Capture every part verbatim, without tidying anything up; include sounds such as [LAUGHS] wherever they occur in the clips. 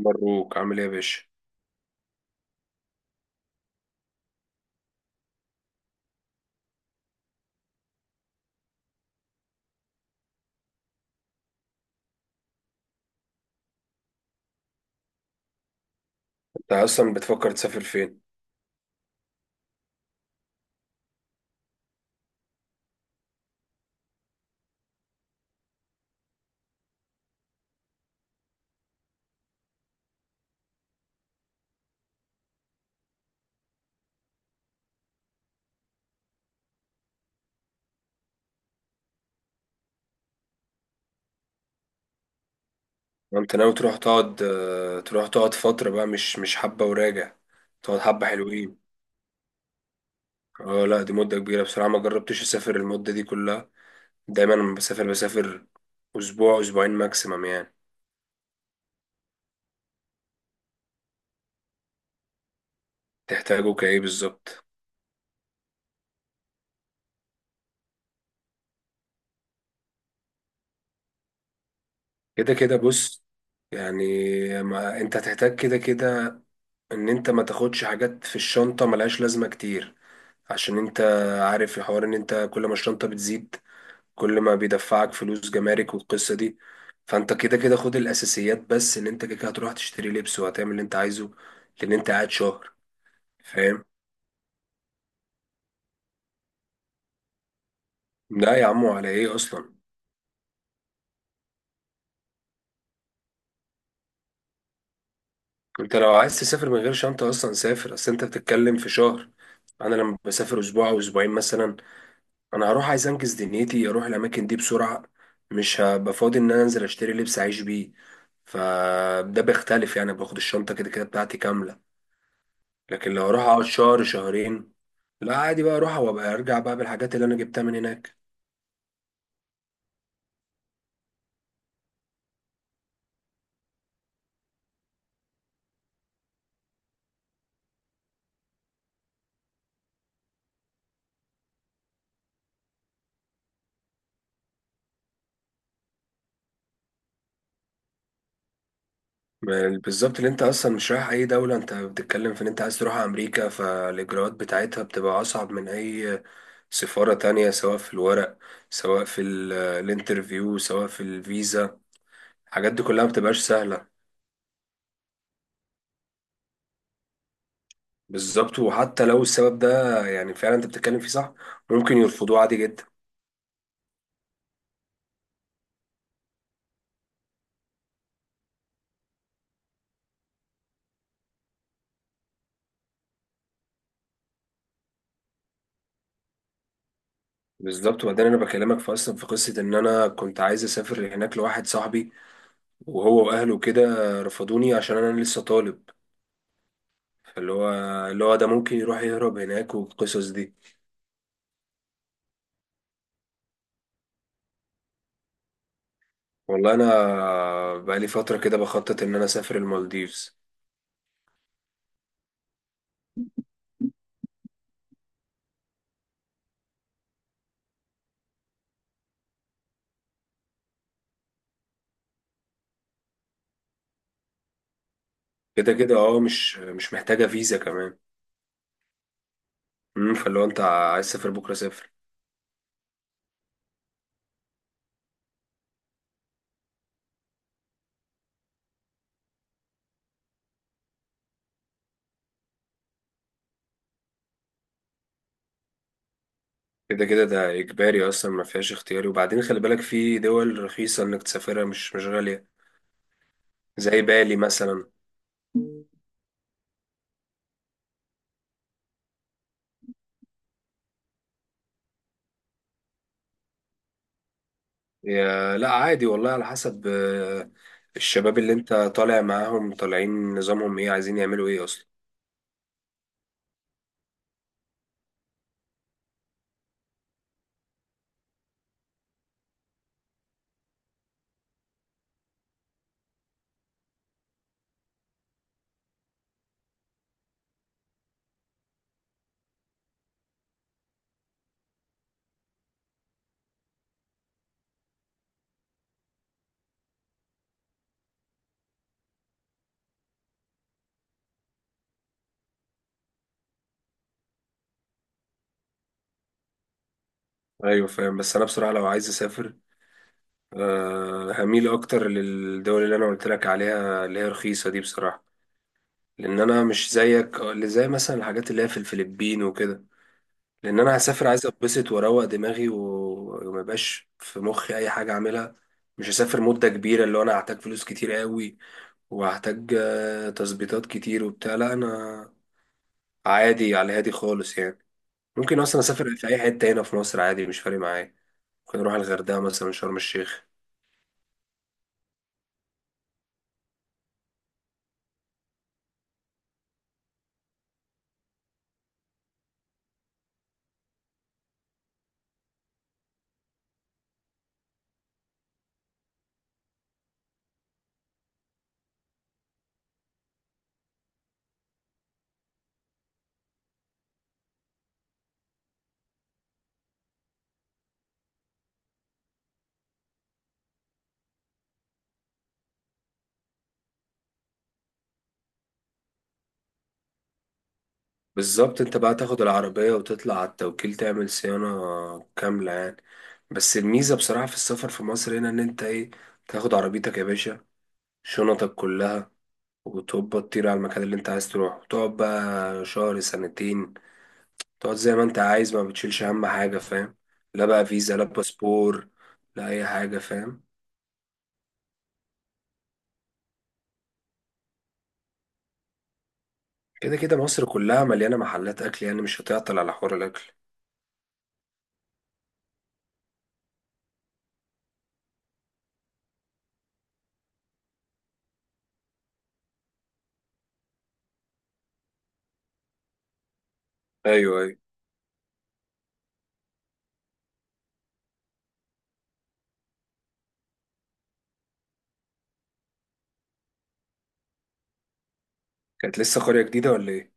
مبروك، عامل ايه يا باشا؟ انت اصلا بتفكر تسافر فين؟ انت ناوي تروح تقعد آه، تروح تقعد فتره بقى مش مش حبه وراجع؟ تقعد حبه حلوين. اه، لا، دي مده كبيره بصراحه، ما جربتش اسافر المده دي كلها. دايما لما بسافر، بسافر اسبوع اسبوعين ماكسيمم يعني. تحتاجه كايه بالظبط؟ كده كده بص، يعني ما انت هتحتاج كده كده ان انت ما تاخدش حاجات في الشنطه ملهاش لازمه كتير، عشان انت عارف الحوار ان انت كل ما الشنطه بتزيد كل ما بيدفعك فلوس جمارك والقصة دي، فانت كده كده خد الاساسيات بس، ان انت كده كده هتروح تشتري لبس وهتعمل اللي انت عايزه لان انت قاعد شهر. فاهم؟ لا يا عمو، على ايه اصلا؟ انت لو عايز تسافر من غير شنطة اصلا، سافر. اصل انت بتتكلم في شهر. انا لما بسافر اسبوع او اسبوعين مثلا، انا هروح عايز انجز دنيتي، اروح الاماكن دي بسرعة. مش هبقى فاضي ان انا انزل اشتري لبس اعيش بيه. فده بيختلف يعني، باخد الشنطة كده كده بتاعتي كاملة. لكن لو اروح اقعد شهر شهرين، لا عادي بقى، اروح وابقى ارجع بقى بالحاجات اللي انا جبتها من هناك. ما- بالظبط، اللي انت اصلا مش رايح اي دولة، انت بتتكلم في ان انت عايز تروح امريكا، فالاجراءات بتاعتها بتبقى اصعب من اي سفارة تانية، سواء في الورق سواء في ال- الانترفيو سواء في الفيزا. الحاجات دي كلها ما بتبقاش سهلة. بالظبط، وحتى لو السبب ده يعني فعلا انت بتتكلم فيه صح، ممكن يرفضوه عادي جدا. بالظبط، وبعدين انا بكلمك في اصلا، في قصه ان انا كنت عايز اسافر هناك لواحد صاحبي، وهو واهله كده رفضوني عشان انا لسه طالب. فاللي هو اللي هو ده ممكن يروح يهرب هناك والقصص دي. والله انا بقالي فتره كده بخطط ان انا اسافر المالديفز. كده كده اه، مش مش محتاجه فيزا كمان. امم فاللي هو انت عايز تسافر بكره، سافر. كده كده ده اجباري اصلا، ما فيهاش اختياري، وبعدين خلي بالك في دول رخيصه انك تسافرها، مش مش غاليه. زي بالي مثلا. يا لا عادي والله على حسب. آه، الشباب اللي انت طالع معاهم طالعين، نظامهم ايه، عايزين يعملوا ايه اصلا؟ ايوه، فاهم. بس انا بصراحه لو عايز اسافر، أه هميل اكتر للدول اللي انا قلت لك عليها اللي هي رخيصه دي بصراحه، لان انا مش زيك، اللي زي مثلا الحاجات اللي هي في الفلبين وكده. لان انا هسافر عايز اتبسط واروق دماغي و- وما يبقاش في مخي اي حاجه اعملها. مش هسافر مده كبيره، اللي هو انا هحتاج فلوس كتير قوي، وهحتاج آه، تظبيطات كتير وبتاع. لا انا عادي على هادي خالص يعني. ممكن اصلا اسافر في اي حته هنا في مصر عادي مش فارق معايا. ممكن اروح الغردقه مثلا، شرم الشيخ. بالظبط، انت بقى تاخد العربية وتطلع على التوكيل تعمل صيانة كاملة يعني. بس الميزة بصراحة في السفر في مصر هنا، ان انت ايه، تاخد عربيتك يا باشا، شنطك كلها، وتبقى تطير على المكان اللي انت عايز تروح، وتقعد بقى شهر سنتين، تقعد زي ما انت عايز، ما بتشيلش هم حاجة. فاهم؟ لا بقى فيزا لا باسبور، لا اي حاجة. فاهم؟ كده كده مصر كلها مليانة محلات اكل يعني، مش هتعطل على حوار الاكل. ايوه، ايوه. كانت لسه قرية جديدة ولا ايه؟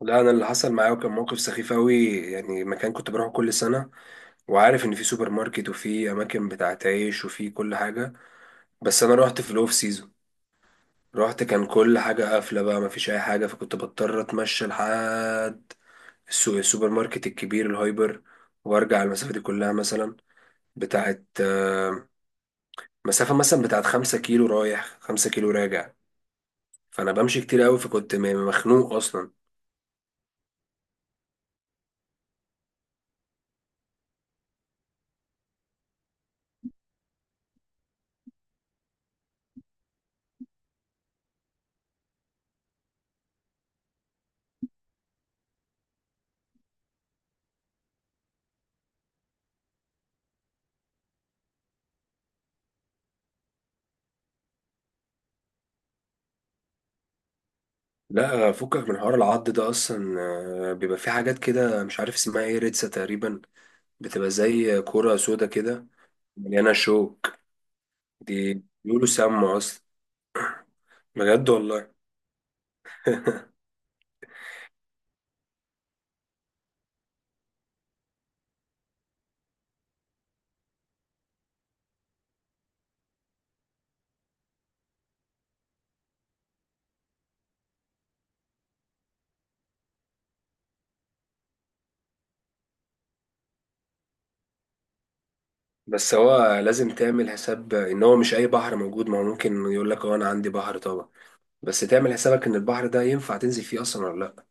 لا، انا اللي حصل معايا وكان موقف سخيف قوي يعني. مكان كنت بروحه كل سنه، وعارف ان في سوبر ماركت وفي اماكن بتاعت عيش وفي كل حاجه، بس انا رحت في الاوف سيزون. رحت كان كل حاجه قافله بقى، مفيش اي حاجه، فكنت بضطر اتمشى لحد السوق، السوبر ماركت الكبير الهايبر، وارجع المسافه دي كلها مثلا بتاعت آه، مسافه مثلا بتاعت خمسة كيلو رايح خمسة كيلو راجع. فانا بمشي كتير قوي، فكنت م- مخنوق اصلا. لا فكك من حوار العض ده اصلا. آه، بيبقى في حاجات كده مش عارف اسمها ايه، ريتسا تقريبا، بتبقى زي كرة سودا كده مليانة شوك. دي بيقولوا سامة اصلا، بجد والله. [LAUGHS] بس هو لازم تعمل حساب ان هو مش اي بحر موجود، ما هو ممكن يقول لك اه انا عندي بحر طبعا، بس تعمل حسابك ان البحر ده ينفع تنزل فيه اصلا ولا لا.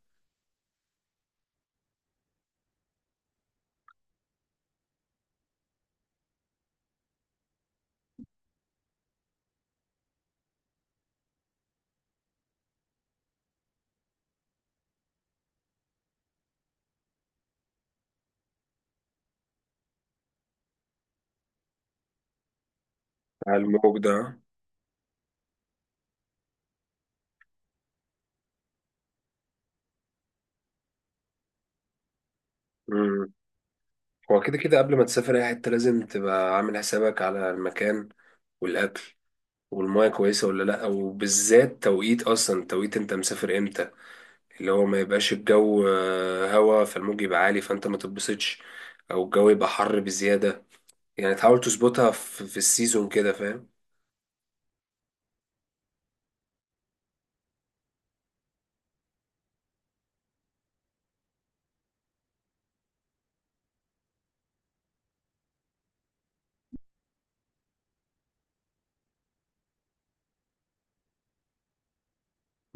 على الموج ده؟ امم هو كده كده قبل ما تسافر اي حتة، لازم تبقى عامل حسابك على المكان والاكل والمية كويسة ولا لأ، وبالذات توقيت، أصلا توقيت أنت مسافر إمتى، اللي هو ما يبقاش الجو آه، هوا فالموج يبقى عالي فأنت ما تتبسطش، أو الجو يبقى حر بزيادة، يعني تحاول تظبطها في, في السيزون كده. فاهم؟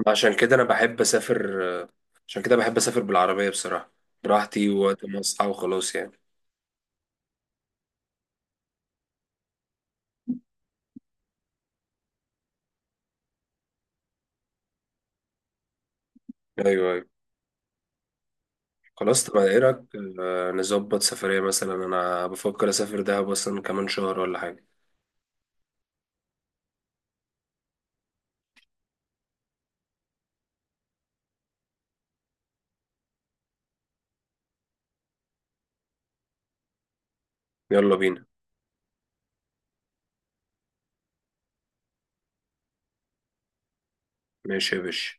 عشان كده أنا بحب أسافر آه، عشان كده بحب أسافر بالعربية بصراحة، براحتي ووقت ما أصحى وخلاص يعني. أيوه، أيوه. خلاص، طب إيه رأيك، آه، نظبط سفرية؟ مثلا أنا بفكر أسافر دهب أصلا كمان شهر ولا حاجة. يلا بينا. ماشي يا باشا.